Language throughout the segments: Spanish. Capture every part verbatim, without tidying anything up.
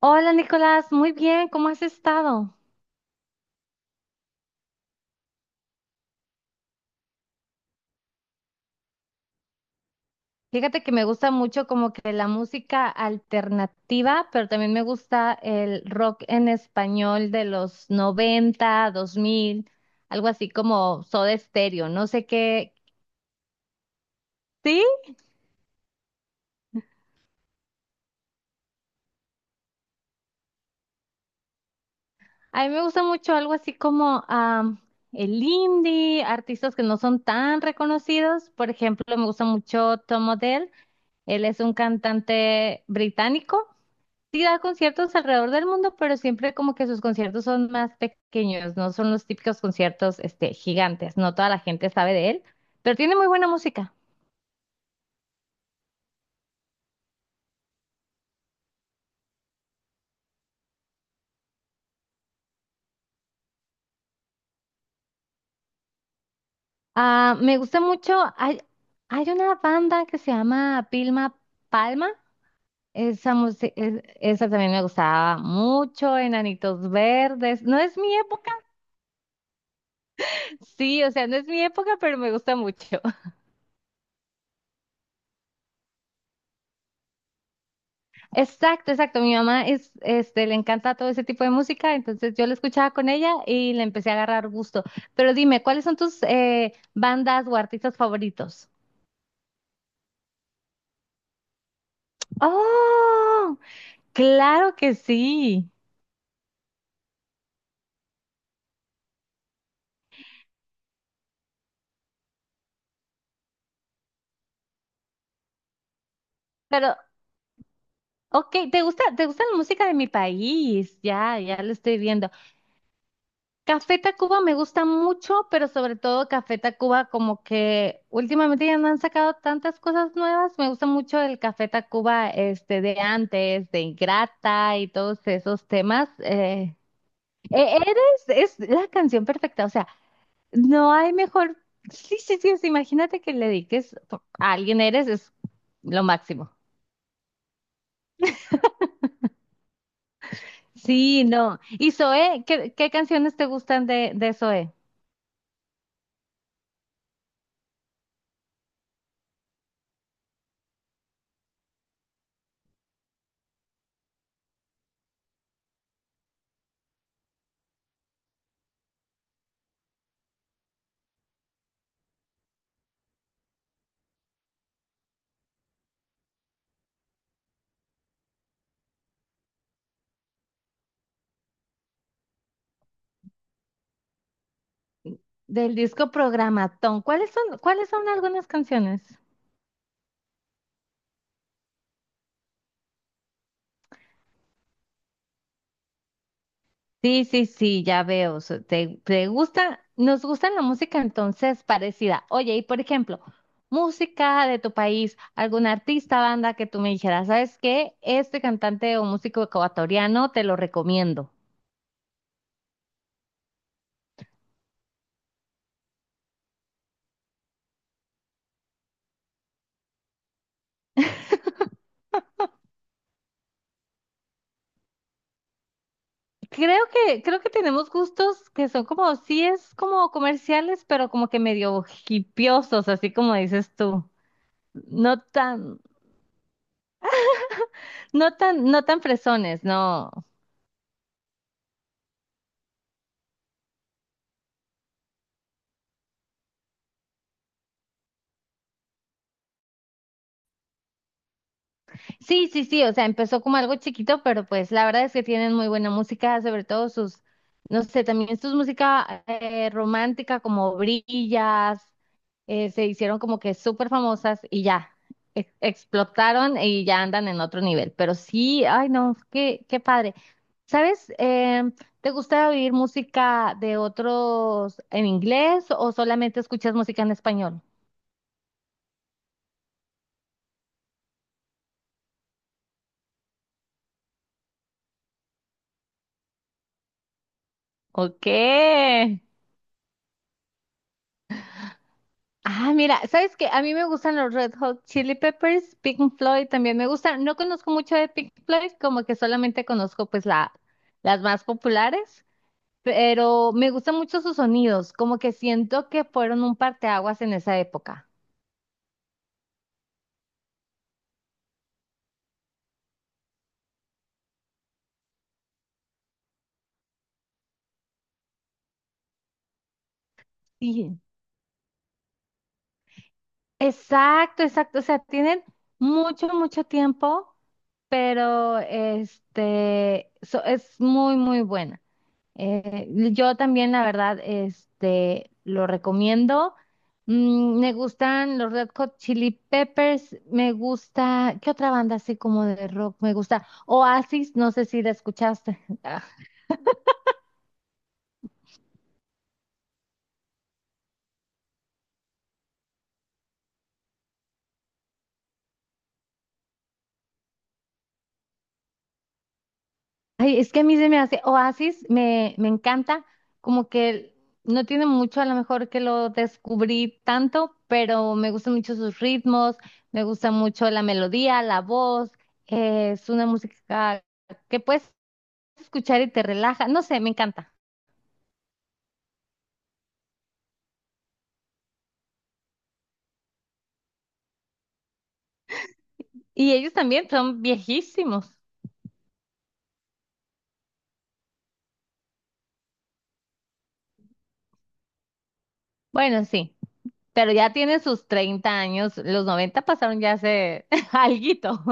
Hola Nicolás, muy bien, ¿cómo has estado? Fíjate que me gusta mucho como que la música alternativa, pero también me gusta el rock en español de los noventa, dos mil, algo así como Soda Stereo, no sé qué. Sí, a mí me gusta mucho algo así como am, el indie, artistas que no son tan reconocidos. Por ejemplo, me gusta mucho Tom Odell, él es un cantante británico. Sí da conciertos alrededor del mundo, pero siempre como que sus conciertos son más pequeños, no son los típicos conciertos este, gigantes, no toda la gente sabe de él, pero tiene muy buena música. Ah, me gusta mucho, hay, hay una banda que se llama Pilma Palma, esa, música, esa también me gustaba mucho, Enanitos Verdes, no es mi época, sí, o sea, no es mi época, pero me gusta mucho. Exacto, exacto. Mi mamá es, este, le encanta todo ese tipo de música, entonces yo la escuchaba con ella y le empecé a agarrar gusto. Pero dime, ¿cuáles son tus eh, bandas o artistas favoritos? Oh, claro que sí. Pero, ok, ¿te gusta, te gusta la música de mi país? Ya, ya lo estoy viendo. Café Tacuba me gusta mucho, pero sobre todo Café Tacuba como que últimamente ya no han sacado tantas cosas nuevas. Me gusta mucho el Café Tacuba este de antes, de Ingrata y todos esos temas. Eh, e- eres es la canción perfecta, o sea, no hay mejor. Sí, sí, sí, o sea, imagínate que le dediques a alguien eres es lo máximo. Sí, no. ¿Y Zoé? ¿Qué, qué canciones te gustan de de Zoé? Del disco Programatón. ¿Cuáles son, cuáles son algunas canciones? Sí, sí, sí, ya veo. so- Te, te gusta, nos gusta la música entonces parecida. Oye, y por ejemplo, música de tu país, algún artista, banda que tú me dijeras, ¿sabes qué? Este cantante o músico ecuatoriano te lo recomiendo. Creo que, creo que tenemos gustos que son como, sí es como comerciales, pero como que medio hipiosos, así como dices tú. No tan, no tan, no tan fresones, no. Sí, sí, sí, o sea, empezó como algo chiquito, pero pues la verdad es que tienen muy buena música, sobre todo sus, no sé, también sus música eh, romántica como Brillas, eh, se hicieron como que súper famosas y ya, ex- explotaron y ya andan en otro nivel, pero sí, ay no, qué, qué padre. ¿Sabes? Eh, ¿te gusta oír música de otros en inglés o solamente escuchas música en español? ¿O qué? Ah, mira, ¿sabes qué? A mí me gustan los Red Hot Chili Peppers, Pink Floyd también me gustan. No conozco mucho de Pink Floyd, como que solamente conozco pues la, las más populares, pero me gustan mucho sus sonidos, como que siento que fueron un parteaguas en esa época. Sí. Exacto, exacto. O sea, tienen mucho, mucho tiempo, pero este so- es muy, muy buena. Eh, yo también, la verdad, este, lo recomiendo. Mm, me gustan los Red Hot Chili Peppers, me gusta, ¿qué otra banda así como de rock me gusta? Oasis, no sé si la escuchaste. Ay, es que a mí se me hace, Oasis me, me encanta, como que no tiene mucho, a lo mejor que lo descubrí tanto, pero me gustan mucho sus ritmos, me gusta mucho la melodía, la voz, eh, es una música que pues escuchar y te relaja. No sé, me encanta. Y ellos también son viejísimos. Bueno, sí, pero ya tienen sus treinta años. Los noventa pasaron ya hace alguito.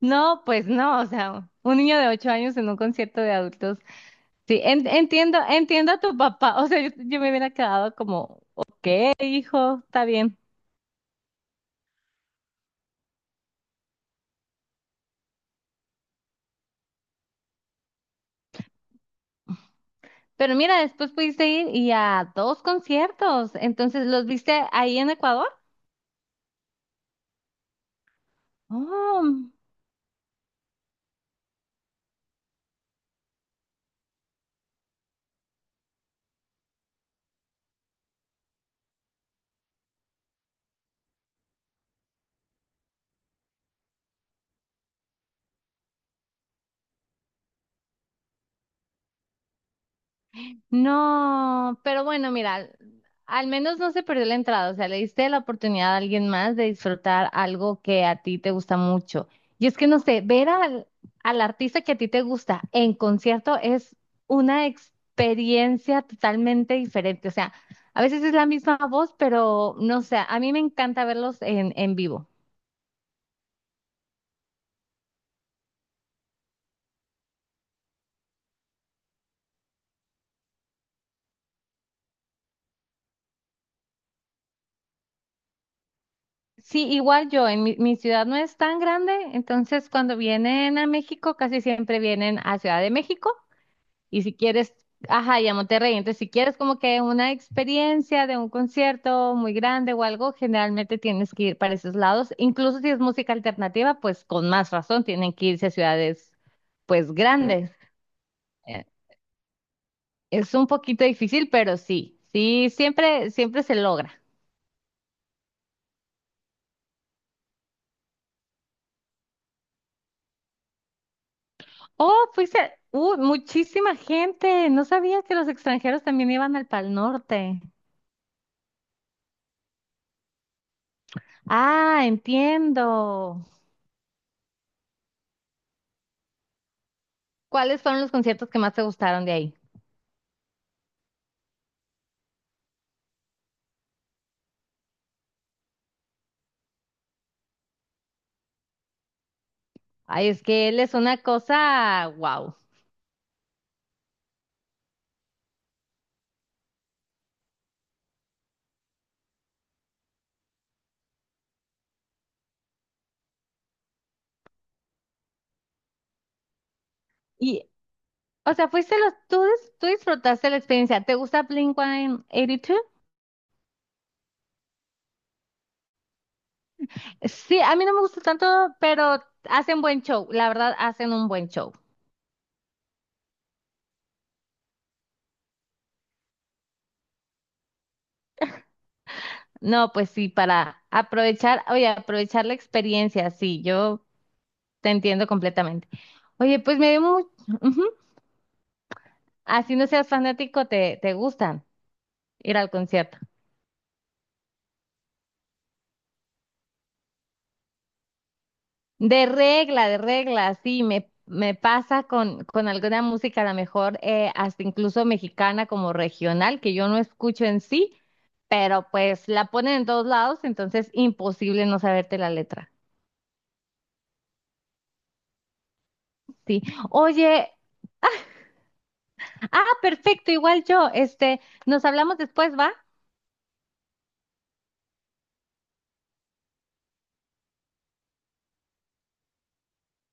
No, pues no, o sea, un niño de ocho años en un concierto de adultos. Sí, en- entiendo, entiendo a tu papá. O sea, yo, yo me hubiera quedado como, eh, hijo, está bien. Pero mira, después pudiste ir y a dos conciertos. Entonces, ¿los viste ahí en Ecuador? Oh. No, pero bueno, mira, al al menos no se perdió la entrada, o sea, le diste la oportunidad a alguien más de disfrutar algo que a ti te gusta mucho. Y es que no sé, ver al, al artista que a ti te gusta en concierto es una experiencia totalmente diferente, o sea, a veces es la misma voz, pero no sé, a mí me encanta verlos en, en vivo. Sí, igual yo, en mi, mi ciudad no es tan grande, entonces cuando vienen a México casi siempre vienen a Ciudad de México. Y si quieres, ajá, y a Monterrey, entonces si quieres como que una experiencia de un concierto muy grande o algo, generalmente tienes que ir para esos lados. Incluso si es música alternativa, pues con más razón tienen que irse a ciudades pues grandes. Eh, Es un poquito difícil, pero sí, sí, siempre, siempre se logra. Oh, fuiste, uh, muchísima gente. No sabía que los extranjeros también iban al Pal Norte. Ah, entiendo. ¿Cuáles fueron los conciertos que más te gustaron de ahí? Ay, es que él es una cosa, wow. Y, o sea, fuiste los, tú, dis- tú disfrutaste la experiencia. ¿Te gusta Blink ciento ochenta y dos? Sí, a mí no me gusta tanto, pero hacen buen show. La verdad, hacen un buen show. No, pues sí, para aprovechar, oye, aprovechar la experiencia, sí, yo te entiendo completamente. Oye, pues me dio mucho, así no seas fanático, te, te gustan ir al concierto. De regla, de regla, sí, me, me pasa con, con alguna música, a lo mejor eh, hasta incluso mexicana como regional, que yo no escucho en sí, pero pues la ponen en todos lados, entonces imposible no saberte la letra. Sí. Oye, ah, perfecto, igual yo, este, nos hablamos después, ¿va?